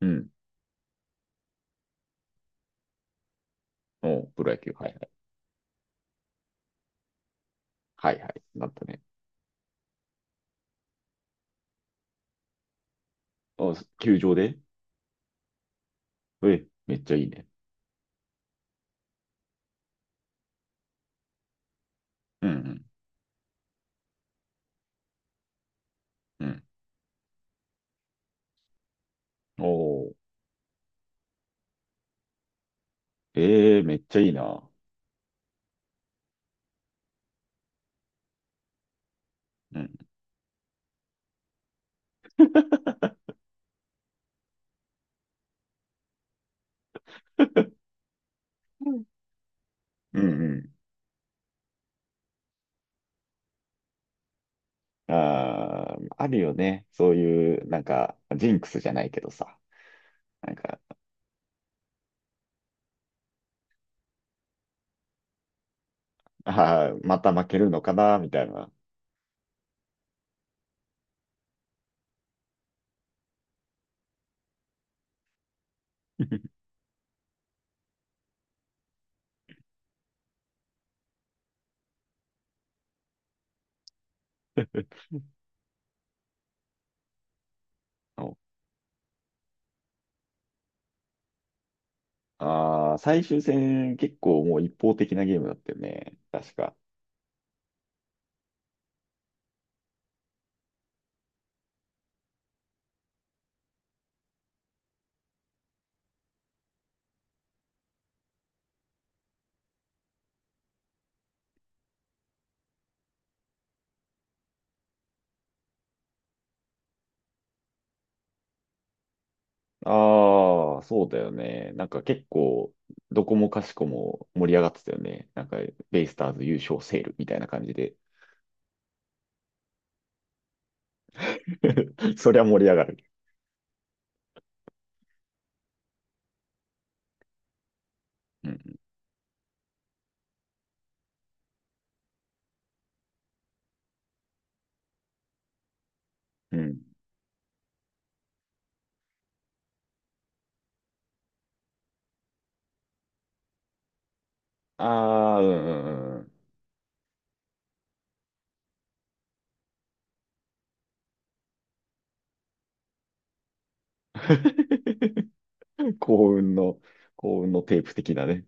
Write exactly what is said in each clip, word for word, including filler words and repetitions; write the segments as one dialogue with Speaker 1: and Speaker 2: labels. Speaker 1: うん。おうプロ野球。はいはい。はいはい。なったね。お球場で、え、めっちゃいいね。うんうん。うん。おお、ええめっちゃいいな。うん。うんうんうん。あーあるよね。そういう、なんか、ジンクスじゃないけどさ。なんか、あーまた負けるのかな、みたいな。お、あー最終戦、結構もう一方的なゲームだったよね。確か。ああ、そうだよね。なんか結構、どこもかしこも盛り上がってたよね。なんか、ベイスターズ優勝セールみたいな感じで。そりゃ盛り上がる。うん。うん。ああ、うんうんうんうん。幸運の、幸運のテープ的なね。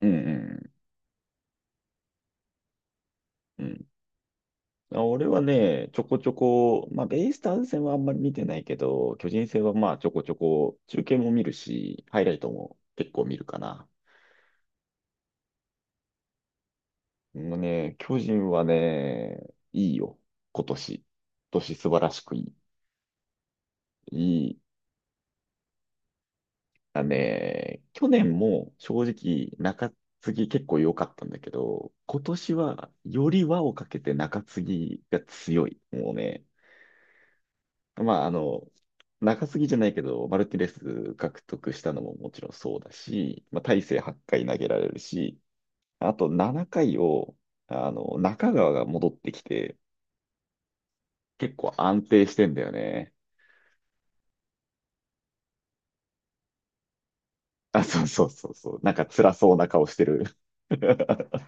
Speaker 1: うんうんうん。あ、俺はね、ちょこちょこ、まあ、ベイスターズ戦はあんまり見てないけど、巨人戦はまあ、ちょこちょこ、中継も見るし、ハイライトも結構見るかな。もうね、巨人はね、いいよ。今年。今年素晴らしくいい。いい。あ、ね、去年も正直中継ぎ結構良かったんだけど、今年はより輪をかけて中継ぎが強い。もうね、まああの、中継ぎじゃないけど、マルティレス獲得したのももちろんそうだし、まあ、大勢はちかい投げられるし、あとななかいを、あの、中川が戻ってきて、結構安定してんだよね。あ、そうそうそうそう。なんか辛そうな顔してる。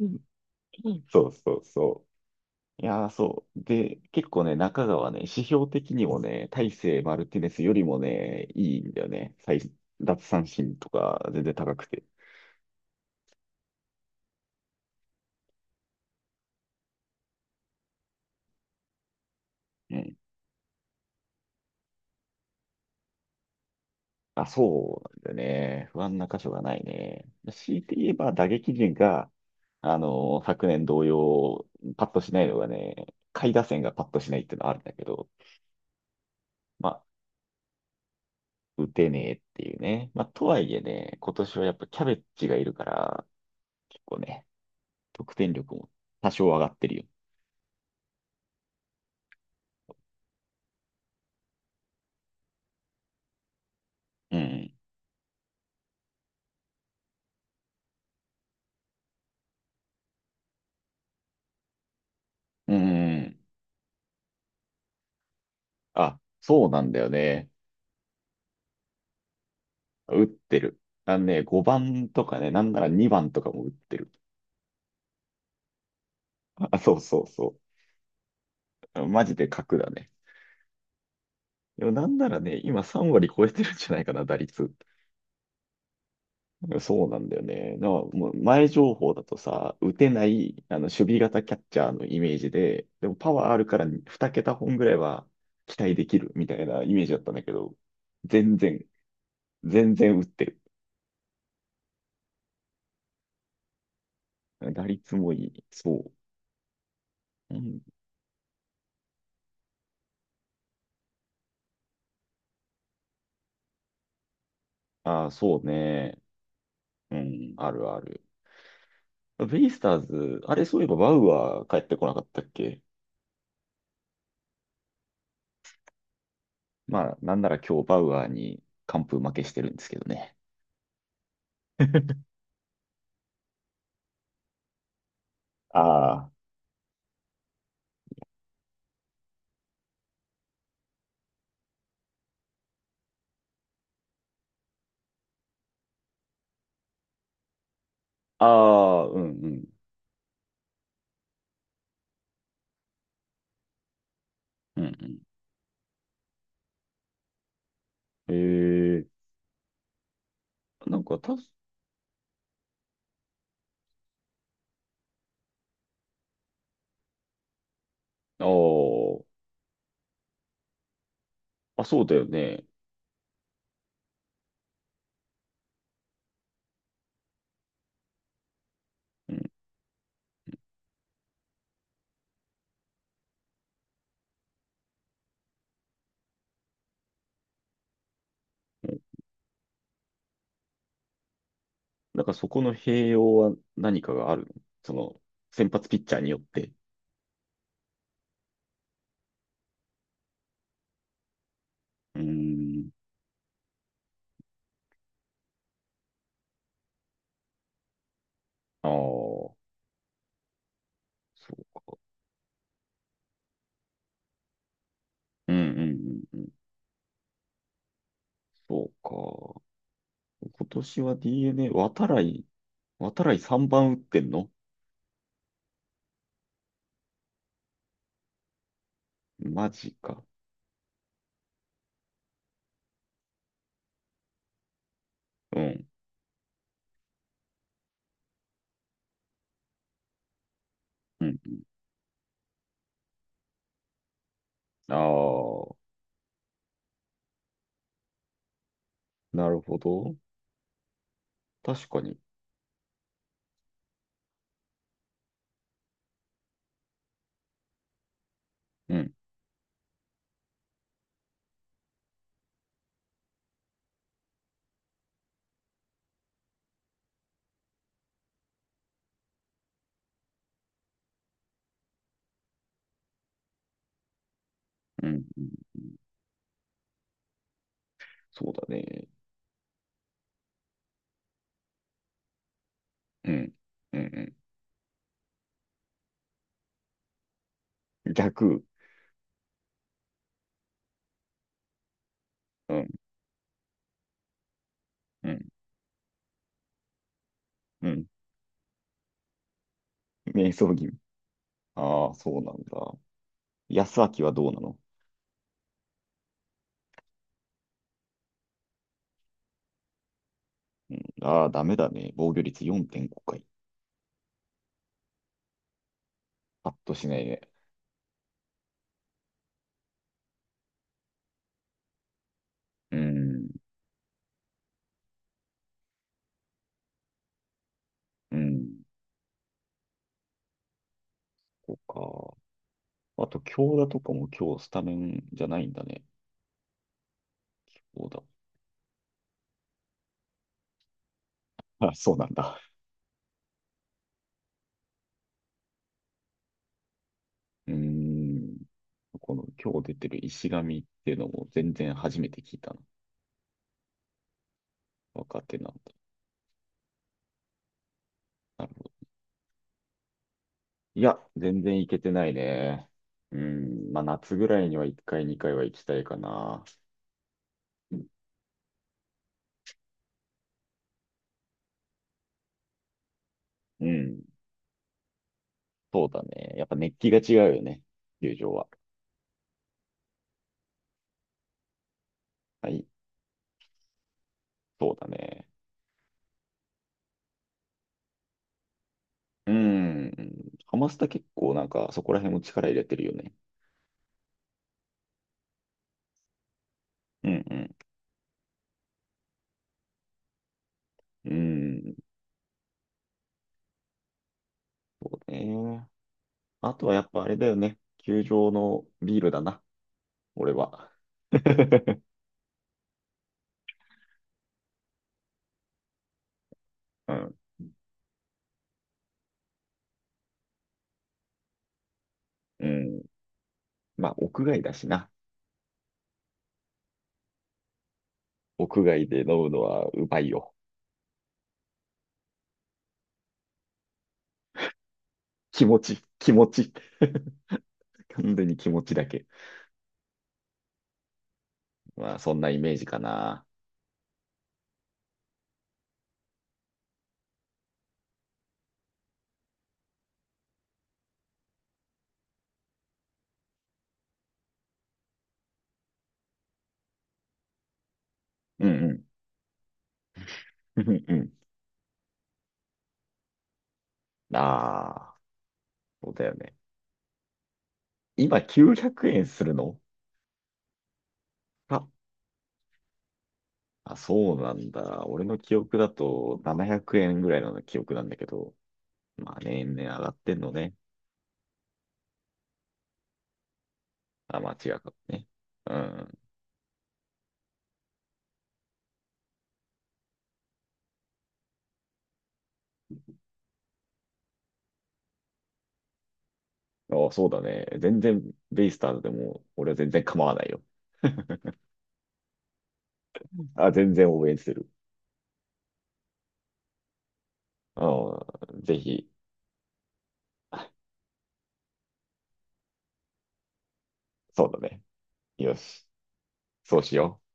Speaker 1: うん、そうそうそう。いやー、そう。で、結構ね、中川ね、指標的にもね、大勢マルティネスよりもね、いいんだよね。最奪三振とか全然高くて。うん。あ、そうなんだよね。不安な箇所がないね。強いて言えば打撃陣が、あのー昨年同様、パッとしないのがね、下位打線がパッとしないっていうのはあるんだけど、まあ、打てねえっていうね。まあ、とはいえね、今年はやっぱキャベッジがいるから、結構ね、得点力も多少上がってるよ。うん。うん。あ、そうなんだよね。打ってる。あのね、ごばんとかね、なんならにばんとかも打ってる。あ、そうそうそう。マジで格だね。でもなんならね、今さん割超えてるんじゃないかな、打率。そうなんだよね。だからもう前情報だとさ、打てない、あの、守備型キャッチャーのイメージで、でもパワーあるからに桁本ぐらいは期待できるみたいなイメージだったんだけど、全然、全然打ってる。打率もいい。そう。うん、ああ、そうね。うん、あるある。ベイスターズ、あれそういえばバウアー帰ってこなかったっけ？まあ、なんなら今日バウアーに完封負けしてるんですけどね。ああ、ああ、うんうん。うんうん、ええ、なんかたす、あー、あ、そうだよね。うん。うん、なんかそこの併用は何かがあるの？その、先発ピッチャーによって。うーん。ああ、そう。うんうんうんうん。そうか。今年は ディーエヌエー、渡来、渡来さんばん打ってんの？マジか。うん。うん。ああ、なるほど。確かに。うん。うん。うん、そうだね。うん。うんうん。逆。うん。うん。うん。瞑想気味。ああ、そうなんだ。安明はどうなの？ああダメだね。防御率よんてんごかい。パッとしないね。うん、うん。そうか。あと、強打とかも今日スタメンじゃないんだね。そうだ。あ、そうなんだ。うーん。この今日出てる石神っていうのも全然初めて聞いたな。若手なんだ。なるほど。いや、全然いけてないね。うん。まあ、夏ぐらいにはいっかい、にかいは行きたいかな。うん。そうだね。やっぱ熱気が違うよね。球場は。はい。そうだね。うん。ハマスタ結構なんかそこら辺も力入れてるよね。うんうん。うん。そうね。あとはやっぱあれだよね。球場のビールだな。俺は。うん。うん。まあ、屋外だしな。屋外で飲むのはうまいよ。気持ち、気持ち。完全に気持ちだけ。まあ、そんなイメージかな。うんうん。うんうん。ああ、そうだよね。今きゅうひゃくえんするの？あ、あ、そうなんだ。俺の記憶だとななひゃくえんぐらいの記憶なんだけど。まあ年々上がってんのね。あ、まあ違うかもね。うん。あ、そうだね。全然ベイスターズでも俺は全然構わないよ。あ、全然応援してる。うん。ぜひ、そうだね。よし。そうしよう。